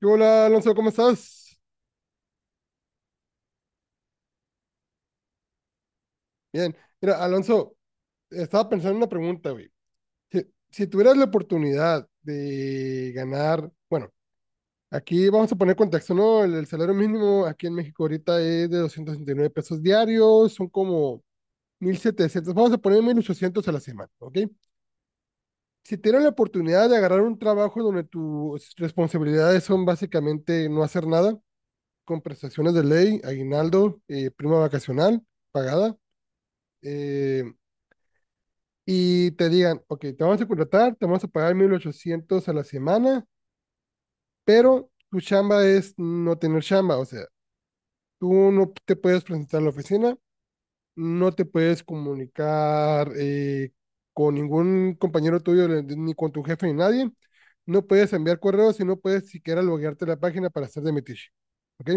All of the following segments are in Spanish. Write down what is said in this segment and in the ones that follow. ¿Qué Hola, Alonso, ¿cómo estás? Bien. Mira, Alonso, estaba pensando en una pregunta, güey. Si, si tuvieras la oportunidad de ganar, bueno, aquí vamos a poner contexto, ¿no? El salario mínimo aquí en México ahorita es de 269 pesos diarios, son como 1,700. Vamos a poner 1,800 a la semana, ¿ok? Si tuvieras la oportunidad de agarrar un trabajo donde tus responsabilidades son básicamente no hacer nada, con prestaciones de ley, aguinaldo, prima vacacional pagada, eh, y te digan, ok, te vamos a contratar, te vamos a pagar 1,800 a la semana, pero tu chamba es no tener chamba, o sea, tú no te puedes presentar a la oficina, no te puedes comunicar con ningún compañero tuyo, ni con tu jefe, ni nadie, no puedes enviar correos y no puedes siquiera loguearte a la página para hacer de metiche, ¿ok?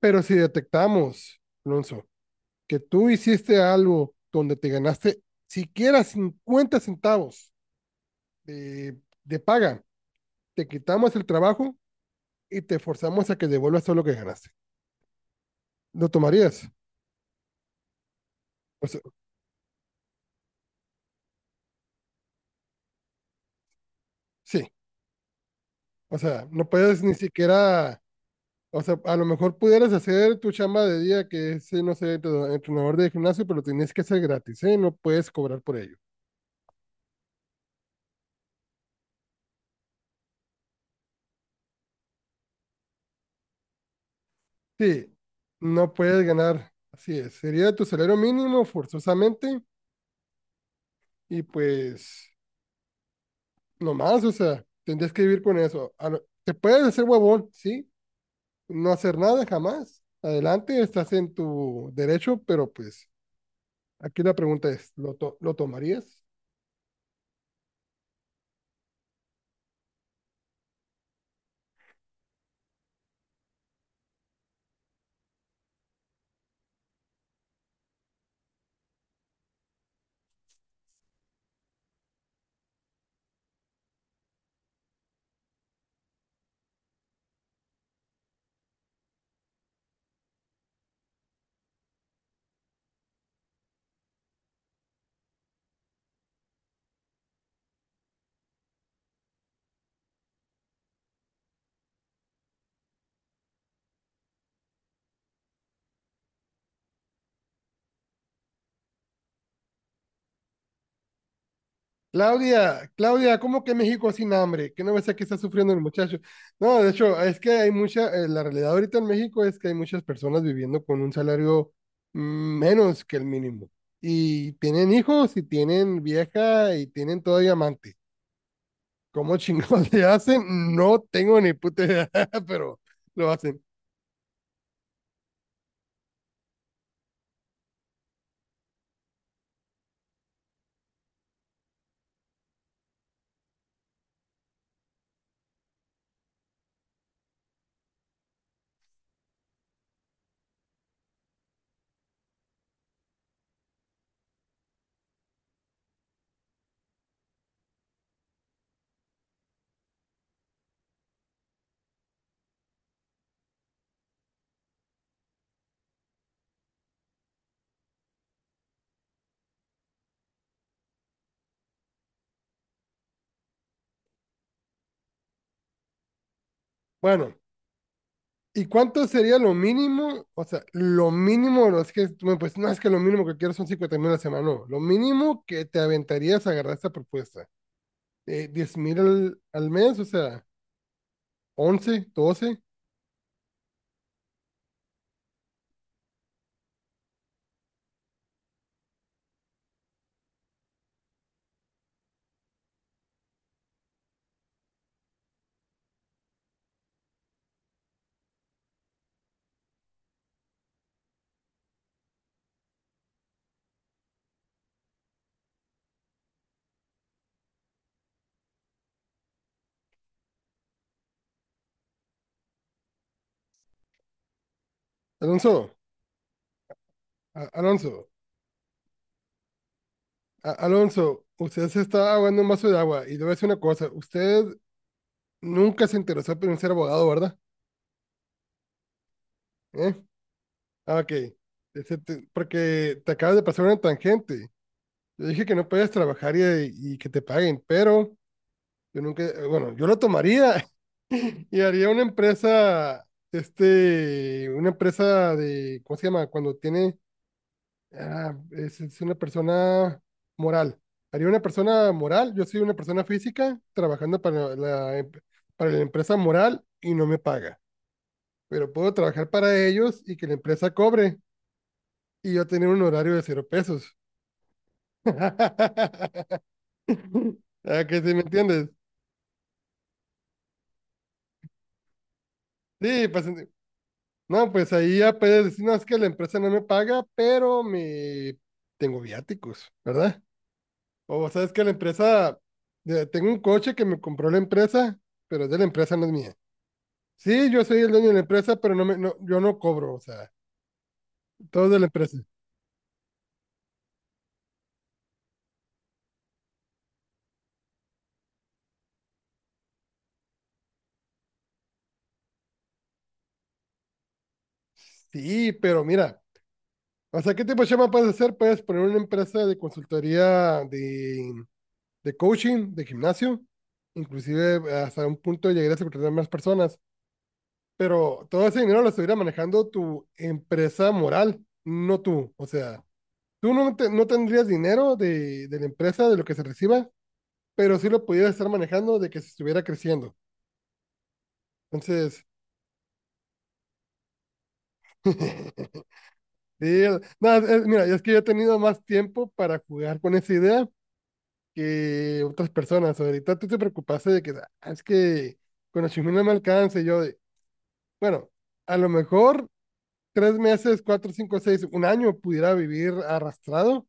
Pero si detectamos, Alonso, que tú hiciste algo donde te ganaste siquiera 50 centavos, de, de paga, te quitamos el trabajo y te forzamos a que devuelvas todo lo que ganaste. ¿Lo tomarías? O sea, sí, o sea, no puedes ni siquiera, o sea, a lo mejor pudieras hacer tu chamba de día que es, no sé, entrenador de gimnasio, pero tienes que hacer gratis, ¿eh? No puedes cobrar por ello. Sí, no puedes ganar, así es. Sería tu salario mínimo forzosamente y pues, no más o sea, tendrías que vivir con eso. Te puedes hacer huevón, sí, no hacer nada jamás. Adelante, estás en tu derecho, pero pues aquí la pregunta es, ¿lo tomarías? Claudia, Claudia, ¿cómo que México sin hambre? ¿Qué no ves aquí está sufriendo el muchacho? No, de hecho, es que hay mucha, la realidad ahorita en México es que hay muchas personas viviendo con un salario mm, menos que el mínimo. Y tienen hijos y tienen vieja y tienen todavía amante. ¿Cómo chingados le hacen? No tengo ni puta idea, pero lo hacen. Bueno. ¿Y cuánto sería lo mínimo? O sea, lo mínimo, no es que tú me pues, no es que lo mínimo que quiero son 50 mil a la semana, no. Lo mínimo que te aventarías a agarrar esta propuesta. 10 mil al mes, o sea, once, doce. Alonso, a- Alonso, Alonso, usted se está ahogando un vaso de agua. Y le voy a decir una cosa, usted nunca se interesó en ser abogado, ¿verdad? ¿Eh? Ah, ok. Porque te acabas de pasar una tangente. Yo dije que no puedes trabajar y que te paguen, pero... Yo nunca, bueno, yo lo tomaría y haría una empresa, este, una empresa de, ¿cómo se llama? Cuando tiene, ah, es una persona moral. Haría una persona moral, yo soy una persona física trabajando para la, para la empresa moral y no me paga, pero puedo trabajar para ellos y que la empresa cobre y yo tener un horario de cero pesos. ¿A que si me entiendes? Sí, pues no, pues ahí ya puedes decir, no, es que la empresa no me paga, pero me tengo viáticos, ¿verdad? O sabes que la empresa, tengo un coche que me compró la empresa, pero es de la empresa, no es mía. Sí, yo soy el dueño de la empresa, pero no me, no, yo no cobro, o sea, todo es de la empresa. Sí, pero mira, o sea, ¿qué tipo de chamba puedes hacer? Puedes poner una empresa de consultoría, de coaching, de gimnasio, inclusive hasta un punto llegar a contratar más personas, pero todo ese dinero lo estuviera manejando tu empresa moral, no tú. O sea, tú no, no tendrías dinero de la empresa, de lo que se reciba, pero sí lo pudieras estar manejando de que se estuviera creciendo. Entonces, sí, el- no, es- mira, es que yo he tenido más tiempo para jugar con esa idea que otras personas. Ahorita tú te preocupaste de que "Ah, es que con los no me alcanza y yo de, bueno, a lo mejor tres meses, cuatro, cinco, seis, un año pudiera vivir arrastrado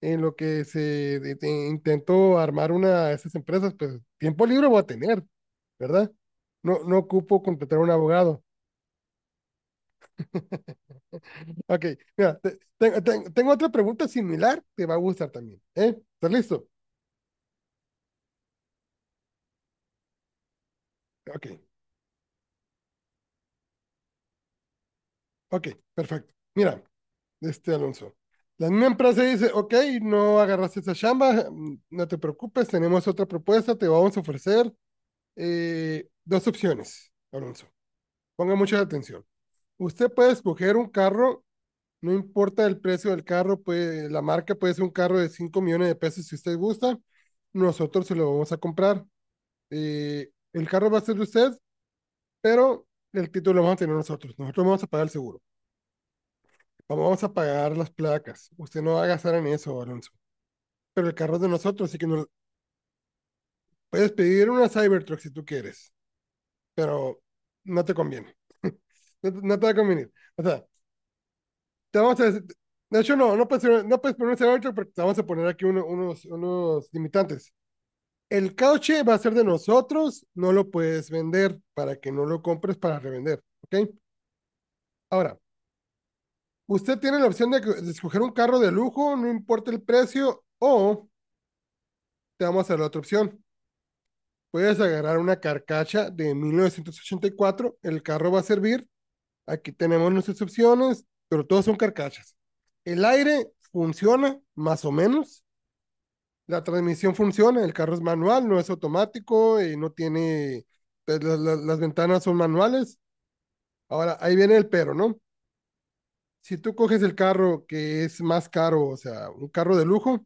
en lo que se intento armar una de esas empresas, pues tiempo libre voy a tener, ¿verdad? No, no ocupo contratar a un abogado. Ok, mira, tengo otra pregunta similar, te va a gustar también, ¿eh? ¿Estás listo? Ok, ok, perfecto. Mira, este Alonso, la misma empresa dice, ok, no agarraste esa chamba, mm, no te preocupes, tenemos otra propuesta, te vamos a ofrecer dos opciones, Alonso. Ponga mucha atención. Usted puede escoger un carro. No importa el precio del carro, puede, la marca puede ser un carro de 5 millones de pesos si usted gusta. Nosotros se lo vamos a comprar. El carro va a ser de usted, pero el título lo vamos a tener nosotros. Nosotros vamos a pagar el seguro. Vamos a pagar las placas. Usted no va a gastar en eso, Alonso. Pero el carro es de nosotros, así que nos, puedes pedir una Cybertruck si tú quieres, pero no te conviene. No, no, te va a convenir. O sea, te vamos a decir, de hecho, no, no puedes, no puedes poner un Cybertruck porque te vamos a poner aquí uno, unos, unos limitantes. El cauche va a ser de nosotros, no lo puedes vender para que no lo compres para revender, ¿ok? Ahora, usted tiene la opción de escoger un carro de lujo, no importa el precio, o te vamos a dar la otra opción. Puedes agarrar una carcacha de 1984, el carro va a servir, aquí tenemos nuestras opciones, pero todas son carcachas. El aire funciona, más o menos, la transmisión funciona, el carro es manual, no es automático, y no tiene, pues, las ventanas son manuales. Ahora, ahí viene el pero, ¿no? Si tú coges el carro que es más caro, o sea, un carro de lujo,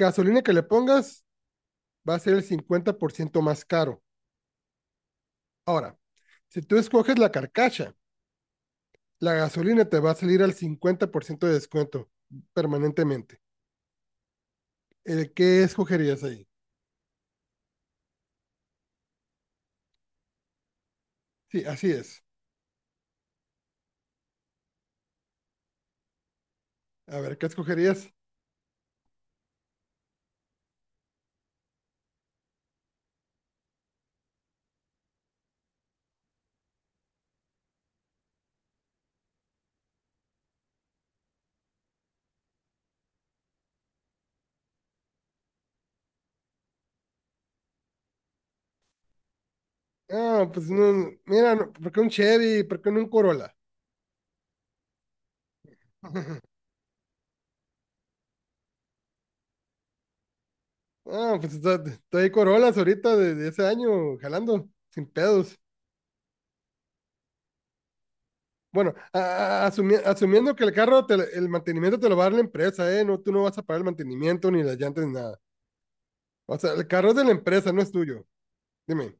gasolina que le pongas va a ser el 50% más caro. Ahora, si tú escoges la carcacha, la gasolina te va a salir al 50% de descuento permanentemente. ¿El qué escogerías ahí? Sí, así es. A ver, ¿qué escogerías? Ah, pues no, mira, no, ¿por qué un Chevy? ¿Por qué no un Corolla? Ah, estoy Corollas ahorita de ese año, jalando, sin pedos. Bueno, asumiendo que el carro, te el mantenimiento te lo va a dar la empresa, ¿eh? No, tú no vas a pagar el mantenimiento, ni las llantas, ni nada. O sea, el carro es de la empresa, no es tuyo. Dime.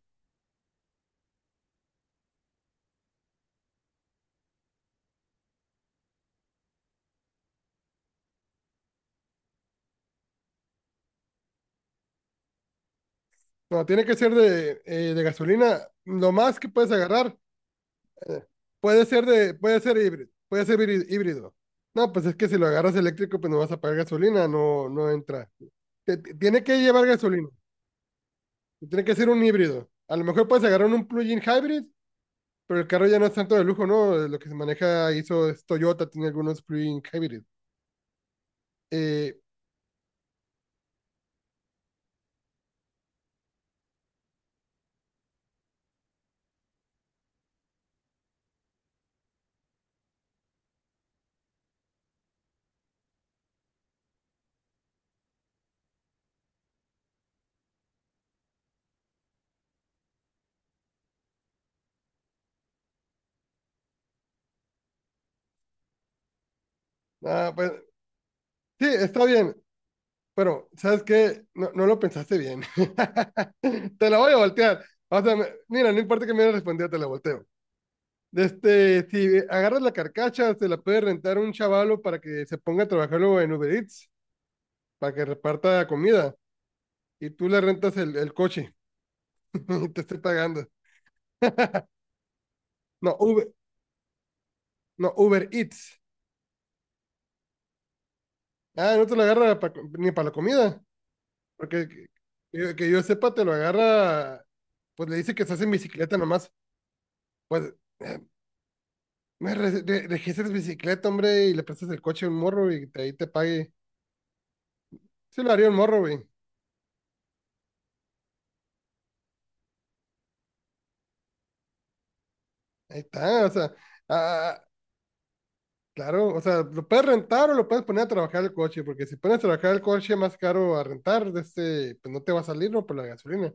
No, tiene que ser de gasolina. Lo más que puedes agarrar, eh, puede ser de, puede ser híbrido, puede ser híbrido. No, pues es que si lo agarras eléctrico, pues no vas a pagar gasolina, no, no entra. Tiene que llevar gasolina, tiene que ser un híbrido. A lo mejor puedes agarrar un plug-in hybrid. Pero el carro ya no es tanto de lujo, ¿no? Lo que se maneja hizo es Toyota, tiene algunos plug-in hybrid. Eh, ah, pues, sí, está bien. Pero, ¿sabes qué? No, no lo pensaste bien. Te la voy a voltear. O sea, mira, no importa que me hayas respondido, te la volteo. Este, si agarras la carcacha, se la puede rentar un chavalo para que se ponga a trabajarlo en Uber Eats, para que reparta comida. Y tú le rentas el coche y te estoy pagando. No, Uber, no, Uber Eats. Ah, no te la agarra pa- ni para la comida. Porque que yo sepa, te lo agarra, pues le dice que estás en bicicleta nomás. Pues, eh, me registras bicicleta, hombre, y le prestas el coche a un morro y te- ahí te pague. Sí lo haría un morro, güey. Ahí está, o sea, ah, claro, o sea, lo puedes rentar o lo puedes poner a trabajar el coche, porque si pones a trabajar el coche más caro a rentar, de este, pues no te va a salir, ¿no? Por la gasolina.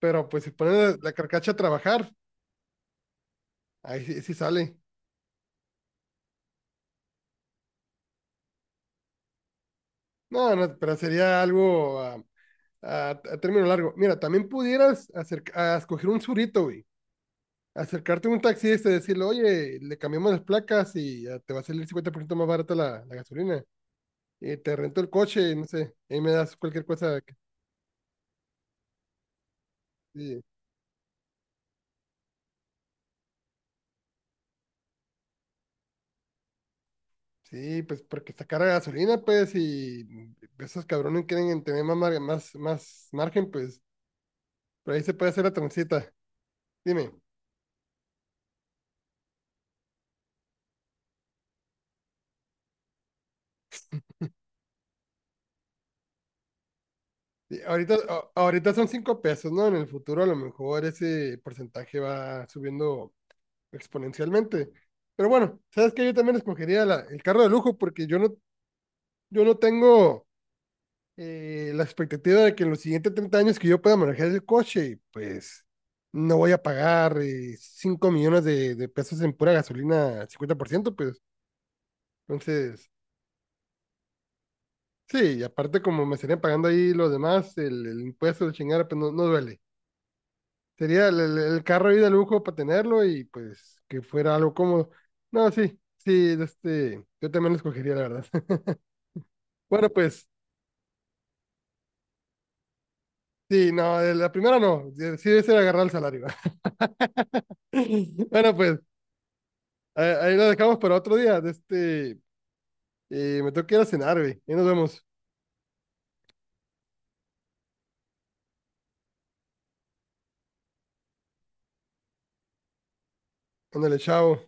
Pero pues si pones la carcacha a trabajar, ahí sí, sí sale. No, no, pero sería algo ah, a término largo. Mira, también pudieras acerca, a escoger un surito, güey. Acercarte a un taxista y decirle, oye, le cambiamos las placas y ya te va a salir 50% más barata la gasolina. Y te rento el coche, no sé. Ahí me das cualquier cosa. Que- sí, sí, pues porque está cara la gasolina, pues, y esos cabrones quieren tener más margen, pues. Pero ahí se puede hacer la transita. Dime. Sí, ahorita, ahorita son 5 pesos, ¿no? En el futuro a lo mejor ese porcentaje va subiendo exponencialmente. Pero bueno, sabes que yo también escogería el carro de lujo porque yo no, yo no tengo la expectativa de que en los siguientes 30 años que yo pueda manejar el coche, y pues no voy a pagar 5 millones de pesos en pura gasolina al 50%, pues entonces, sí, y aparte como me estarían pagando ahí los demás, el impuesto, el chingar, pues no, no duele. Sería el, el carro ahí de lujo para tenerlo y pues que fuera algo cómodo. No, sí, sí, este, yo también lo escogería, la verdad. Bueno, pues, sí, no, la primera no, sí es el agarrar el salario. Bueno, pues, ahí ahí lo dejamos para otro día. De este, me tengo que ir a cenar, güey. Ahí nos vemos. Ándale, chao.